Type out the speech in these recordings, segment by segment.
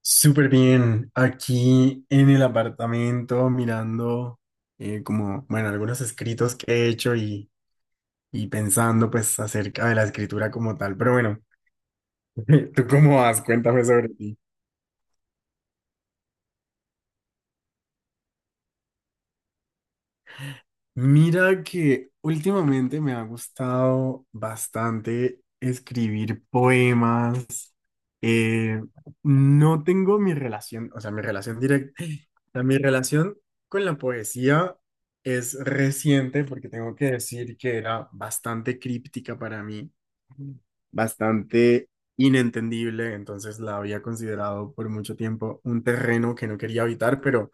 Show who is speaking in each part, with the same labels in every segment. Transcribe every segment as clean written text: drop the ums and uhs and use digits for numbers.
Speaker 1: Súper bien, aquí en el apartamento mirando como, bueno, algunos escritos que he hecho y pensando pues acerca de la escritura como tal, pero bueno, ¿tú cómo vas? Cuéntame sobre ti. Mira que últimamente me ha gustado bastante escribir poemas. Eh, no tengo mi relación, o sea, mi relación directa, mi relación con la poesía es reciente porque tengo que decir que era bastante críptica para mí, bastante inentendible, entonces la había considerado por mucho tiempo un terreno que no quería habitar, pero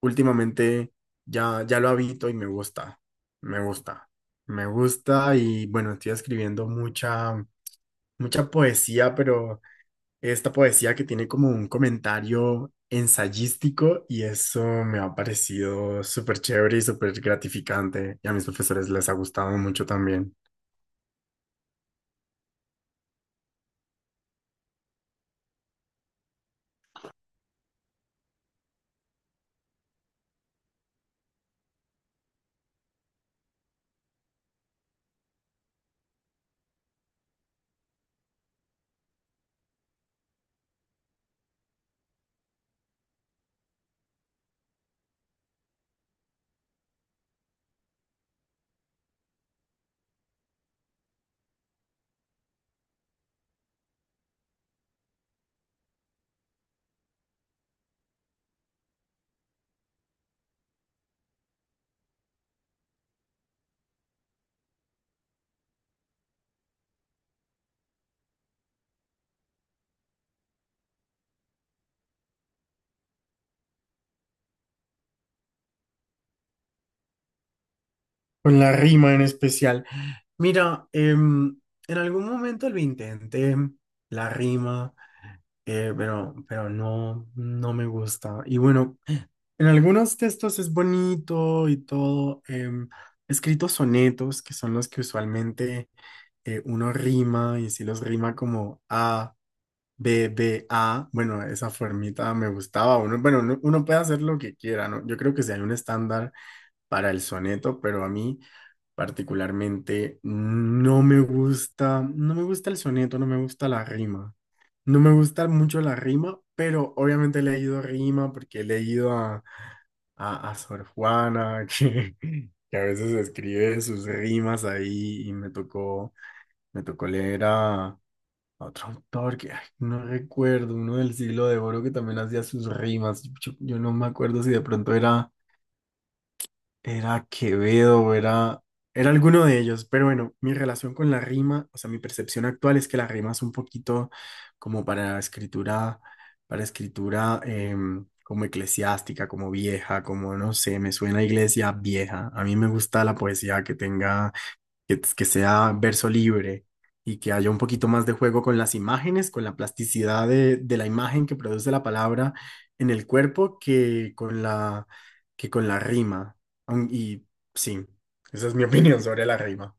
Speaker 1: últimamente ya lo habito y me gusta, me gusta, me gusta y bueno, estoy escribiendo mucha, mucha poesía, pero esta poesía que tiene como un comentario ensayístico y eso me ha parecido súper chévere y súper gratificante y a mis profesores les ha gustado mucho también, con la rima en especial. Mira, en algún momento lo intenté, la rima. Pero no, no me gusta. Y bueno, en algunos textos es bonito y todo. He escrito sonetos, que son los que usualmente uno rima y si los rima como A, B, B, A. Bueno, esa formita me gustaba. Uno, bueno, uno puede hacer lo que quiera, ¿no? Yo creo que si hay un estándar para el soneto, pero a mí particularmente no me gusta, no me gusta el soneto, no me gusta la rima. No me gusta mucho la rima, pero obviamente he leído rima porque he leído a Sor Juana, que a veces escribe sus rimas ahí y me tocó leer a otro autor que ay, no recuerdo, uno del siglo de oro que también hacía sus rimas. Yo no me acuerdo si de pronto era Quevedo, o era alguno de ellos, pero bueno, mi relación con la rima, o sea, mi percepción actual es que la rima es un poquito como para escritura como eclesiástica, como vieja, como no sé, me suena a iglesia vieja. A mí me gusta la poesía que tenga que sea verso libre y que haya un poquito más de juego con las imágenes, con la plasticidad de la imagen que produce la palabra en el cuerpo que con la rima. Y sí, esa es mi opinión sobre la rima.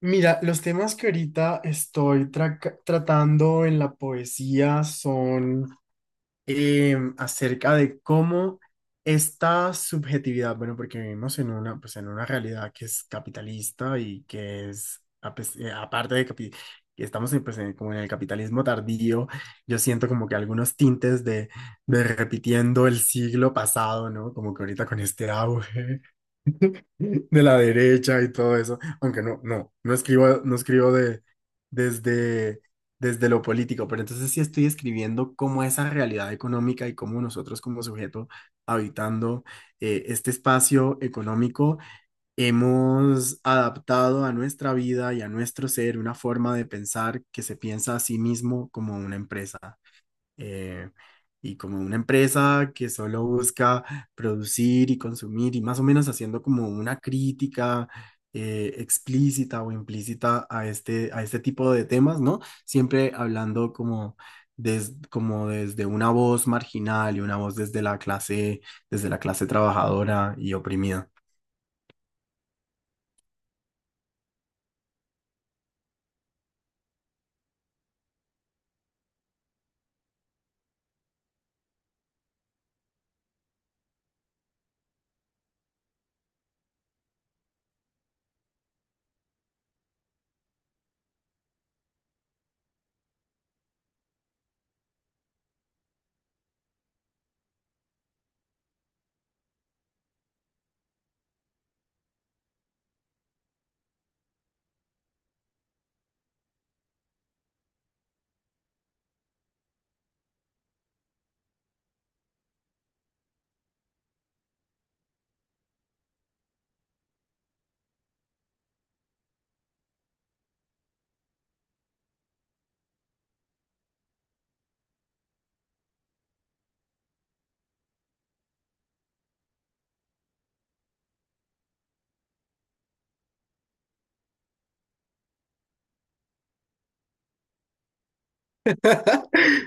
Speaker 1: Mira, los temas que ahorita estoy tratando en la poesía son acerca de cómo esta subjetividad, bueno, porque vivimos en una, pues en una realidad que es capitalista y que es, aparte de que estamos en, pues, como en el capitalismo tardío, yo siento como que algunos tintes de repitiendo el siglo pasado, ¿no? Como que ahorita con este auge de la derecha y todo eso, aunque no escribo, no escribo de, desde, desde lo político, pero entonces sí estoy escribiendo cómo esa realidad económica y cómo nosotros como sujeto habitando este espacio económico hemos adaptado a nuestra vida y a nuestro ser una forma de pensar que se piensa a sí mismo como una empresa, eh, y como una empresa que solo busca producir y consumir y más o menos haciendo como una crítica explícita o implícita a este tipo de temas, ¿no? Siempre hablando como, como desde una voz marginal y una voz desde la clase trabajadora y oprimida.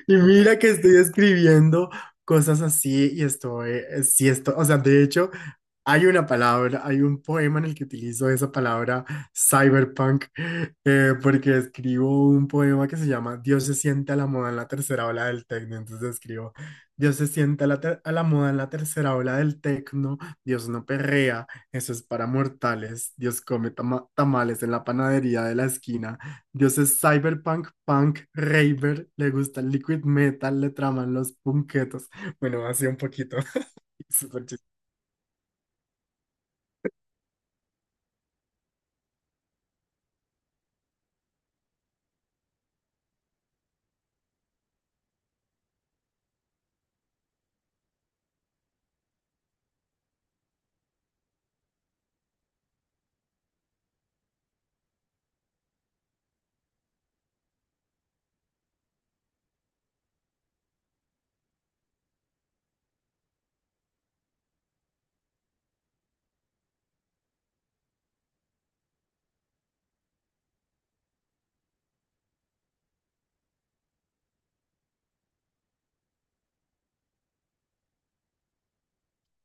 Speaker 1: Y mira que estoy escribiendo cosas así y estoy, sí, esto, o sea, de hecho, hay una palabra, hay un poema en el que utilizo esa palabra cyberpunk, porque escribo un poema que se llama Dios se sienta a la moda en la tercera ola del tecno. Entonces escribo, Dios se sienta a la, a la moda en la tercera ola del tecno, Dios no perrea, eso es para mortales, Dios come tamales en la panadería de la esquina. Dios es cyberpunk, punk, raver, le gusta el liquid metal, le traman los punquetos. Bueno, así un poquito. Súper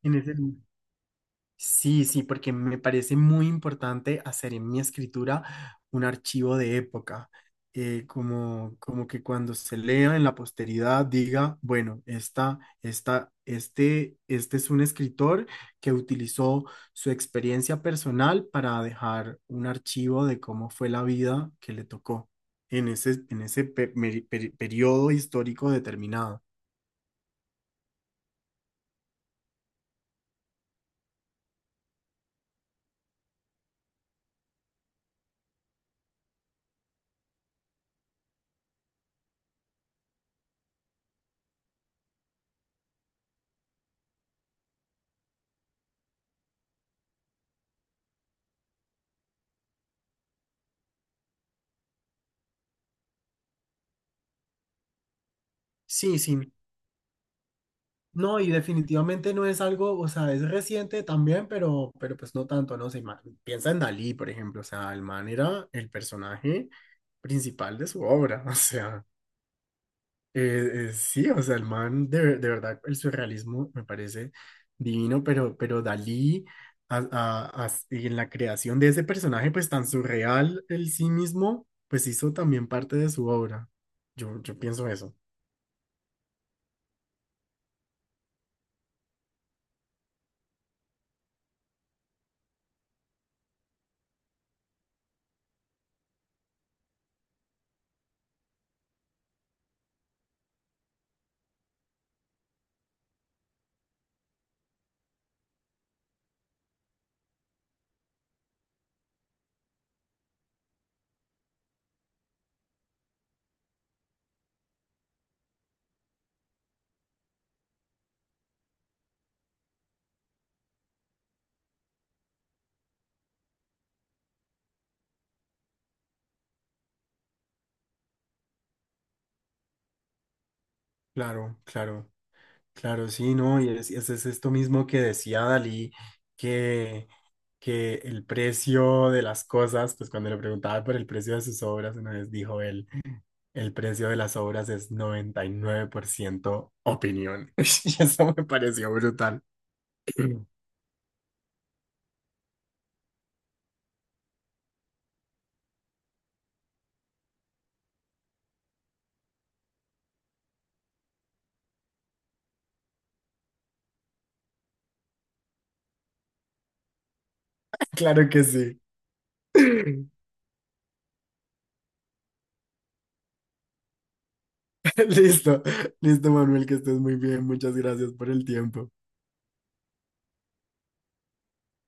Speaker 1: chiste. Sí, sí, porque me parece muy importante hacer en mi escritura un archivo de época, como, como que cuando se lea en la posteridad diga, bueno, esta, este es un escritor que utilizó su experiencia personal para dejar un archivo de cómo fue la vida que le tocó en ese periodo histórico determinado. Sí, sí, no, y definitivamente no es algo, o sea, es reciente también, pero pues no tanto, ¿no? O sea, piensa en Dalí, por ejemplo, o sea, el man era el personaje principal de su obra, o sea, sí, o sea, el man, de, de verdad, el surrealismo me parece divino, pero Dalí, y en la creación de ese personaje, pues tan surreal el sí mismo, pues hizo también parte de su obra. Yo pienso eso, claro, claro. Claro, sí, ¿no? Y es, es esto mismo que decía Dalí, que, que el precio de las cosas, pues cuando le preguntaba por el precio de sus obras, una vez dijo él, el precio de las obras es 99% opinión. Y eso me pareció brutal. Claro que sí. Listo, listo, Manuel, que estés muy bien. Muchas gracias por el tiempo.